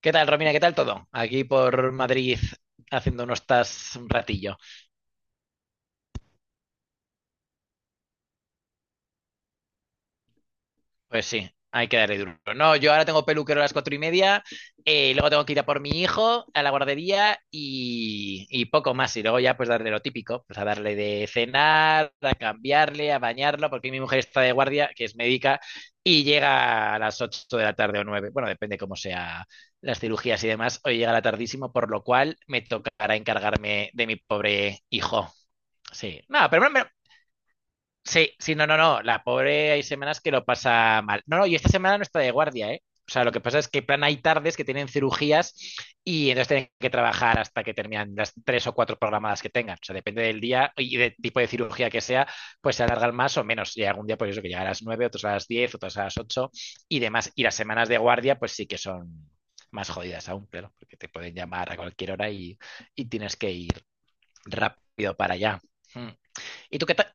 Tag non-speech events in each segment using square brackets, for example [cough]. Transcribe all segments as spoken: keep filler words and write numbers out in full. ¿Qué tal, Romina? ¿Qué tal todo? Aquí por Madrid haciendo unos tas un ratillo. Pues sí, hay que darle duro. No, yo ahora tengo peluquero a las cuatro y media, eh, luego tengo que ir a por mi hijo a la guardería y, y poco más. Y luego ya pues darle lo típico, pues a darle de cenar, a cambiarle, a bañarlo, porque mi mujer está de guardia, que es médica, y llega a las ocho de la tarde o nueve. Bueno, depende cómo sea las cirugías y demás. Hoy llega la tardísimo, por lo cual me tocará encargarme de mi pobre hijo. Sí, no, pero me- sí, sí, no, no, no. La pobre hay semanas que lo pasa mal. No, no, y esta semana no está de guardia, ¿eh? O sea, lo que pasa es que en plan hay tardes que tienen cirugías y entonces tienen que trabajar hasta que terminan las tres o cuatro programadas que tengan. O sea, depende del día y del tipo de cirugía que sea, pues se alargan más o menos. Y algún día, pues eso, que llega a las nueve, otros a las diez, otros a las ocho y demás. Y las semanas de guardia, pues sí que son más jodidas aún, claro, porque te pueden llamar a cualquier hora y, y tienes que ir rápido para allá. Mm. ¿Y tú qué tal?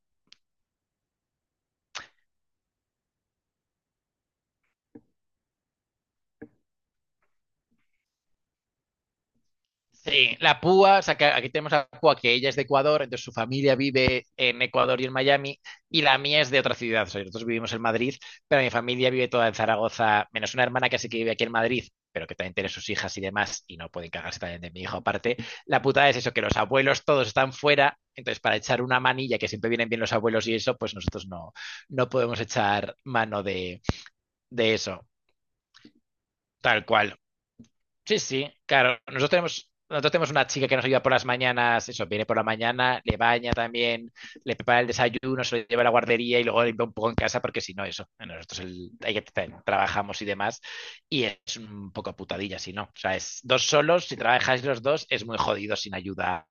Sí, la púa, o sea, que aquí tenemos a la púa que ella es de Ecuador, entonces su familia vive en Ecuador y en Miami, y la mía es de otra ciudad. O sea, nosotros vivimos en Madrid, pero mi familia vive toda en Zaragoza, menos una hermana que sí que vive aquí en Madrid, pero que también tiene sus hijas y demás, y no pueden cagarse también de mi hijo aparte. La putada es eso, que los abuelos todos están fuera, entonces para echar una manilla, que siempre vienen bien los abuelos y eso, pues nosotros no, no podemos echar mano de, de eso. Tal cual. Sí, sí, claro. Nosotros tenemos, nosotros tenemos una chica que nos ayuda por las mañanas, eso, viene por la mañana, le baña también, le prepara el desayuno, se lo lleva a la guardería y luego limpia un poco en casa porque si no, eso, nosotros el- ahí que tra- trabajamos y demás y es un poco putadilla si no. O sea, es dos solos, si trabajáis los dos es muy jodido sin ayuda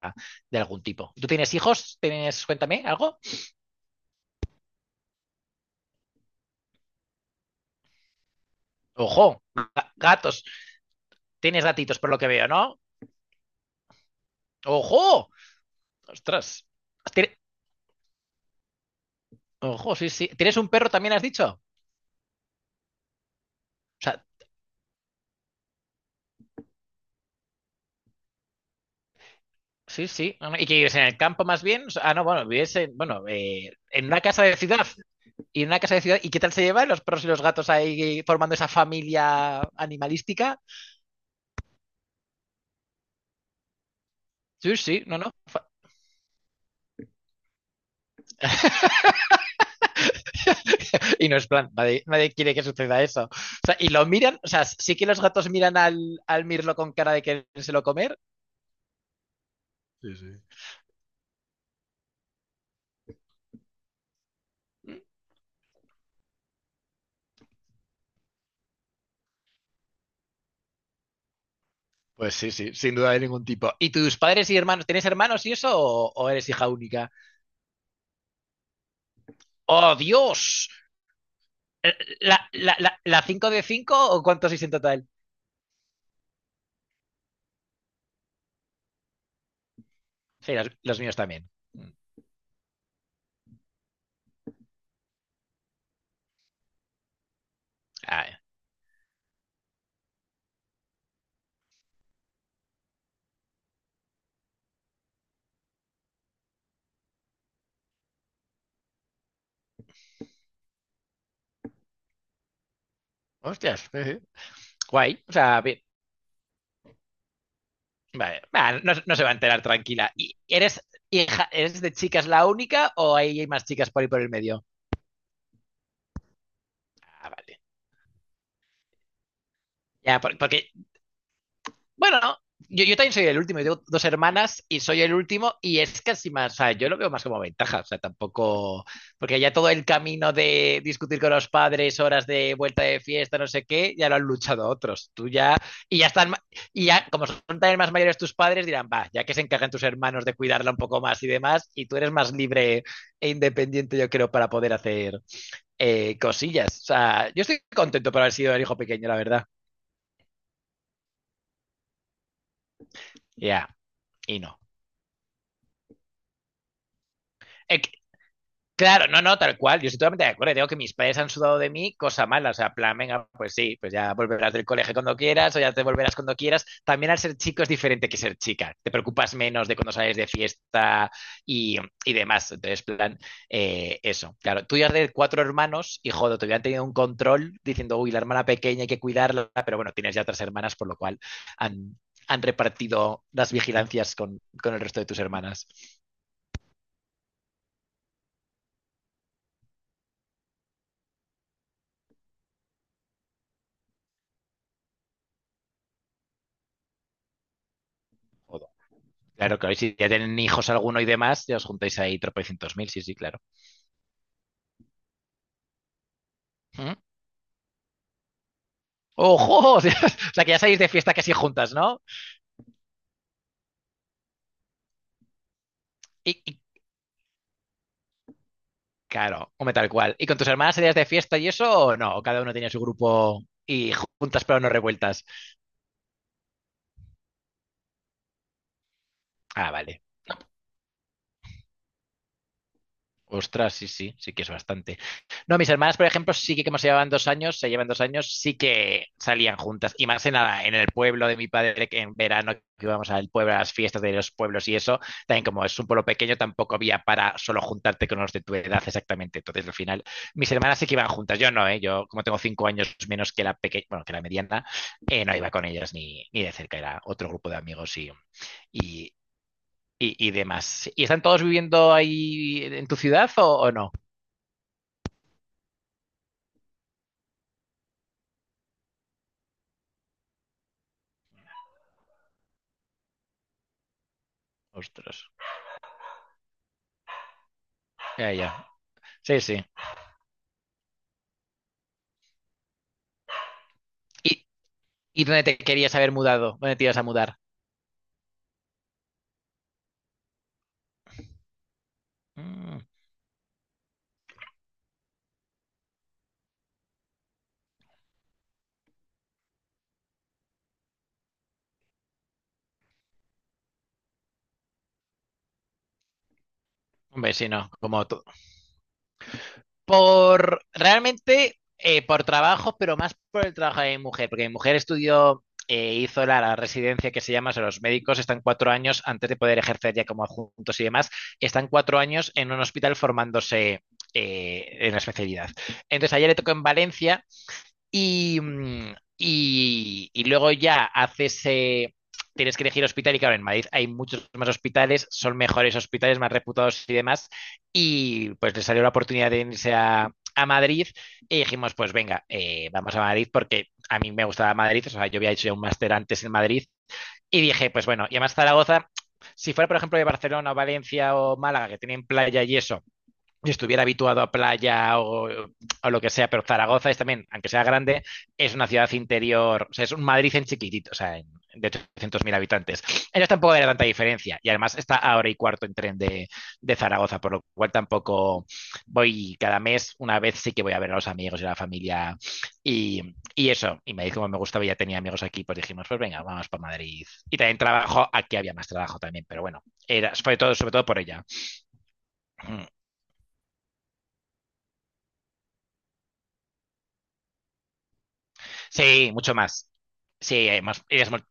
de algún tipo. ¿Tú tienes hijos? ¿Tienes, cuéntame, algo? Ojo, ga- gatos, tienes gatitos por lo que veo, ¿no? Ojo, ostras. Tiene- Ojo, sí, sí. ¿Tienes un perro también, has dicho? O sea, sí, sí. No, no, y que vives en el campo más bien. O sea, ah, no, bueno, vives en, bueno, eh, en una casa de ciudad. Y en una casa de ciudad. ¿Y qué tal se llevan los perros y los gatos ahí formando esa familia animalística? Sí, sí, no, no. fa- [laughs] Y no es plan, nadie, nadie quiere que suceda eso. O sea, y lo miran, o sea, sí que los gatos miran al, al mirlo con cara de querérselo comer. Sí, sí. Mm. Pues sí, sí, sin duda de ningún tipo. ¿Y tus padres y hermanos, tienes hermanos y eso o, o eres hija única? ¡Oh, Dios! ¿La, la, la, la cinco de cinco o cuántos hice en total? Sí, los, los míos también. Ah, hostias, sí, sí. Guay. O sea, bien. Vale. Ah, no, no se va a enterar tranquila. ¿Y eres hija, eres de chicas la única o hay más chicas por ahí por el medio? Ah, vale. Ya, por- porque bueno, yo, yo también soy el último, yo tengo dos hermanas y soy el último y es casi más, o sea, yo lo veo más como ventaja, o sea, tampoco, porque ya todo el camino de discutir con los padres, horas de vuelta de fiesta, no sé qué, ya lo han luchado otros, tú ya, y ya están, ma- y ya, como son también más mayores tus padres, dirán, va, ya que se encargan tus hermanos de cuidarla un poco más y demás, y tú eres más libre e independiente, yo creo, para poder hacer eh, cosillas, o sea, yo estoy contento por haber sido el hijo pequeño, la verdad, ya, y no. Eh, Claro, no, no, tal cual. Yo estoy totalmente de acuerdo. Digo que mis padres han sudado de mí, cosa mala. O sea, plan, venga, pues sí, pues ya volverás del colegio cuando quieras o ya te volverás cuando quieras. También al ser chico es diferente que ser chica. Te preocupas menos de cuando sales de fiesta y, y demás. Entonces, plan, eh, eso. Claro, tú ya de cuatro hermanos y joder, te hubieran tenido un control diciendo, uy, la hermana pequeña hay que cuidarla, pero bueno, tienes ya otras hermanas, por lo cual han, han repartido las vigilancias con, con el resto de tus hermanas. Claro, que hoy si ya tienen hijos alguno y demás, ya os juntáis ahí tropecientos mil, sí, sí, claro. ¿Mm? ¡Ojo! [laughs] O sea, que ya salís de fiesta casi juntas, ¿no? Y, y claro, hombre, tal cual. ¿Y con tus hermanas salías de fiesta y eso o no? ¿O cada uno tenía su grupo y juntas pero no revueltas? Ah, vale. Ostras, sí, sí, sí que es bastante. No, mis hermanas, por ejemplo, sí que como se llevaban dos años, se llevan dos años, sí que salían juntas. Y más en, la- en el pueblo de mi padre, que en verano que íbamos al pueblo, a las fiestas de los pueblos y eso, también como es un pueblo pequeño, tampoco había para solo juntarte con los de tu edad exactamente. Entonces, al final, mis hermanas sí que iban juntas. Yo no, ¿eh? Yo, como tengo cinco años menos que la pequeña, bueno, que la mediana, eh, no iba con ellas ni, ni de cerca, era otro grupo de amigos y, y, y- y demás. ¿Y están todos viviendo ahí en tu ciudad o o no? Ostras. Ya, ya. Sí, sí. ¿Y, y dónde te querías haber mudado? ¿Dónde te ibas a mudar? Mm, hombre, sí, no, como todo. Por, realmente, eh, por trabajo, pero más por el trabajo de mi mujer, porque mi mujer estudió, eh, hizo la, la residencia que se llama, o sea, los médicos están cuatro años, antes de poder ejercer ya como adjuntos y demás, están cuatro años en un hospital formándose eh, en la especialidad. Entonces, ayer le tocó en Valencia. Y, mm, y, y luego ya haces, eh, tienes que elegir hospital y claro, en Madrid hay muchos más hospitales, son mejores hospitales, más reputados y demás. Y pues le salió la oportunidad de irse a, a Madrid y dijimos, pues venga, eh, vamos a Madrid porque a mí me gustaba Madrid, o sea, yo había hecho ya un máster antes en Madrid y dije, pues bueno, y además Zaragoza, si fuera por ejemplo de Barcelona o Valencia o Málaga, que tienen playa y eso yo estuviera habituado a playa o, o, lo que sea, pero Zaragoza es también, aunque sea grande, es una ciudad interior, o sea, es un Madrid en chiquitito, o sea, en, de ochocientos mil habitantes. Ellos tampoco era tanta diferencia y además está a hora y cuarto en tren de, de, Zaragoza, por lo cual tampoco voy cada mes, una vez sí que voy a ver a los amigos y a la familia y, y eso, y me dijo como me gustaba, y ya tenía amigos aquí, pues dijimos, pues venga, vamos por Madrid. Y también trabajo, aquí había más trabajo también, pero bueno, era, sobre todo, sobre todo por ella. Sí, mucho más. Sí, hay más, ellas más.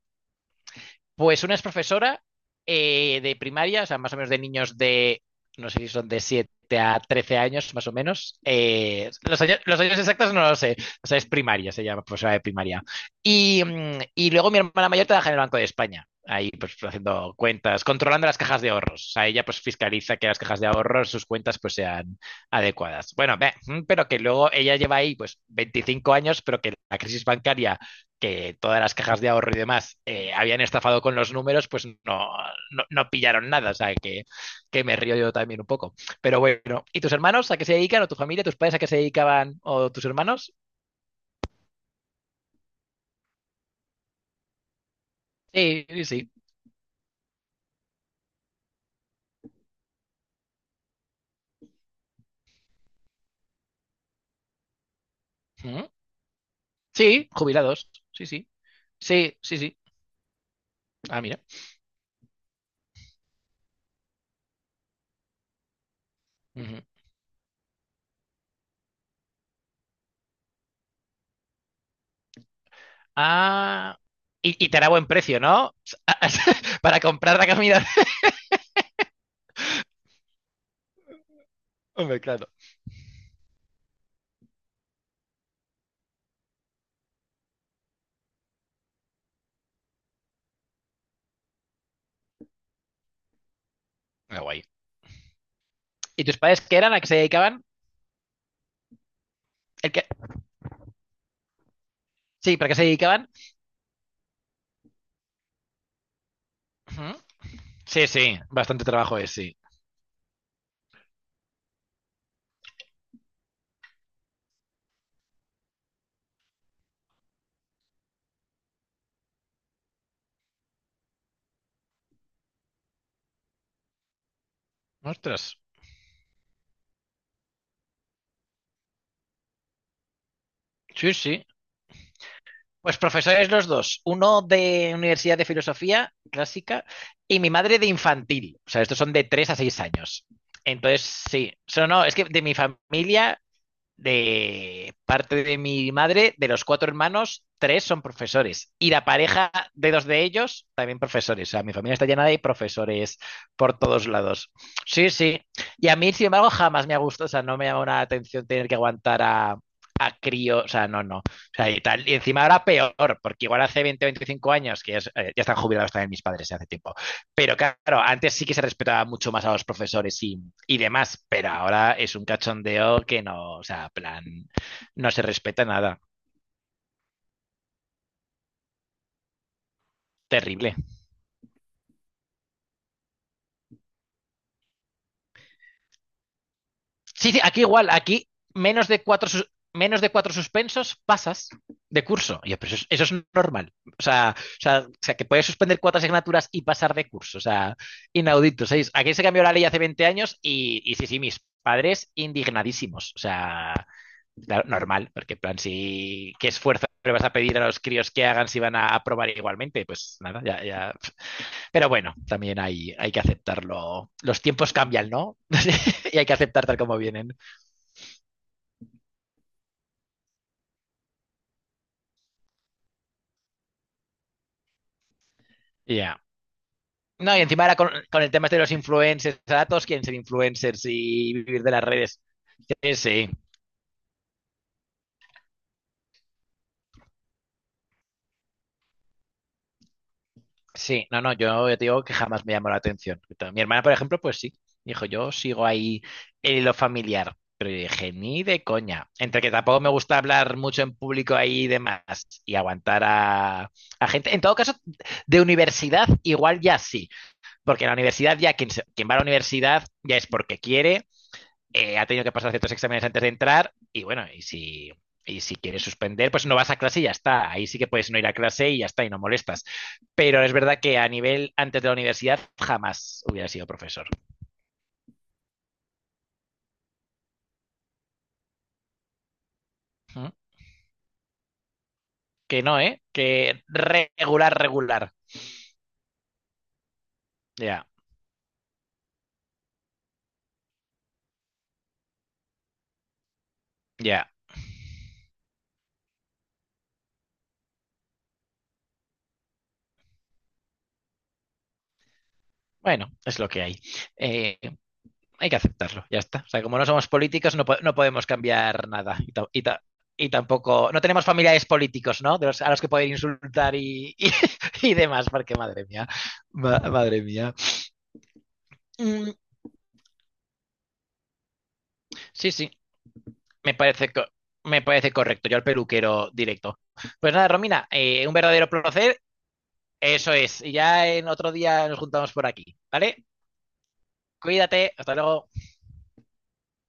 Pues una es profesora eh, de primaria, o sea, más o menos de niños de, no sé si son de siete a trece años, más o menos. Eh, los años, los años exactos no lo sé. O sea, es primaria, se llama profesora de primaria. Y, mm, y luego mi hermana mayor trabaja en el Banco de España. Ahí, pues, haciendo cuentas, controlando las cajas de ahorros. O sea, ella, pues, fiscaliza que las cajas de ahorros, sus cuentas, pues, sean adecuadas. Bueno, ve, mm, pero que luego ella lleva ahí, pues, veinticinco años, pero que la crisis bancaria que todas las cajas de ahorro y demás eh, habían estafado con los números, pues no, no, no pillaron nada. O sea, que, que, me río yo también un poco. Pero bueno, ¿y tus hermanos a qué se dedican? ¿O tu familia, tus padres a qué se dedicaban? ¿O tus hermanos? Sí, sí. Sí. Ujú. Sí, jubilados. Sí, sí. Sí, sí, sí. Ah, mira. Ujú. Ah, y, y te da buen precio, ¿no? [laughs] Para comprar la comida. [laughs] Hombre, claro. Ah, guay. ¿Y tus padres qué eran? ¿A qué se dedicaban? ¿El qué? Sí, ¿para qué se dedicaban? Sí, sí, bastante trabajo es, sí. Ostras. Sí, sí. Pues profesores los dos, uno de Universidad de Filosofía Clásica y mi madre de infantil. O sea, estos son de tres a seis años. Entonces, sí. So, no, es que de mi familia de parte de mi madre, de los cuatro hermanos, tres son profesores. Y la pareja de dos de ellos, también profesores. O sea, mi familia está llena de profesores por todos lados. Sí, sí. Y a mí, sin embargo, jamás me ha gustado. O sea, no me llama la atención tener que aguantar a, a crío. O sea, no, no. O sea, y tal. Y encima ahora peor, porque igual hace veinte veinticinco años, que es- eh, ya están jubilados también mis padres hace tiempo. Pero claro, antes sí que se respetaba mucho más a los profesores y, y demás, pero ahora es un cachondeo que no, o sea, plan, no se respeta nada. Terrible. Sí, sí, aquí igual, aquí menos de cuatro, sus- menos de cuatro suspensos pasas de curso. Y yo, pero eso, es- eso es normal. O sea, o sea, o sea, que puedes suspender cuatro asignaturas y pasar de curso. O sea, inaudito. ¿Sabéis? Aquí se cambió la ley hace veinte años y, y sí, sí, mis padres indignadísimos. O sea, claro, normal, porque en plan, si qué esfuerzo le vas a pedir a los críos que hagan si van a aprobar igualmente, pues nada, ya, ya. Pero bueno, también hay, hay que aceptarlo. Los tiempos cambian, ¿no? [laughs] Y hay que aceptar tal como vienen. Ya. No, y encima ahora con, con el tema este de los influencers, ahora todos quieren ser influencers y vivir de las redes. Sí, sí. Sí, no, no, yo te digo que jamás me llamó la atención. Mi hermana, por ejemplo, pues sí. Dijo, yo sigo ahí en lo familiar. Pero yo dije, ni de coña. Entre que tampoco me gusta hablar mucho en público ahí y demás. Y aguantar a, a gente. En todo caso, de universidad igual ya sí. Porque en la universidad ya quien, se- quien va a la universidad ya es porque quiere eh, ha tenido que pasar ciertos exámenes antes de entrar y bueno, y si, y si quieres suspender, pues no vas a clase y ya está. Ahí sí que puedes no ir a clase y ya está, y no molestas. Pero es verdad que a nivel antes de la universidad jamás hubiera sido profesor. ¿Mm? Que no, ¿eh? Que regular, regular. Ya, ya. Bueno, es lo que hay. Eh, Hay que aceptarlo, ya está. O sea, como no somos políticos, no, po- no podemos cambiar nada. Y, ta- y ta- y tampoco, no tenemos familiares políticos, ¿no? De los- a los que poder insultar y, y- [laughs] y demás, porque madre mía, ma- madre mía. Mm, sí, sí, me parece, co- me parece correcto. Yo al peluquero directo. Pues nada, Romina, eh, un verdadero placer. Eso es. Y ya en otro día nos juntamos por aquí, ¿vale? Cuídate, hasta luego.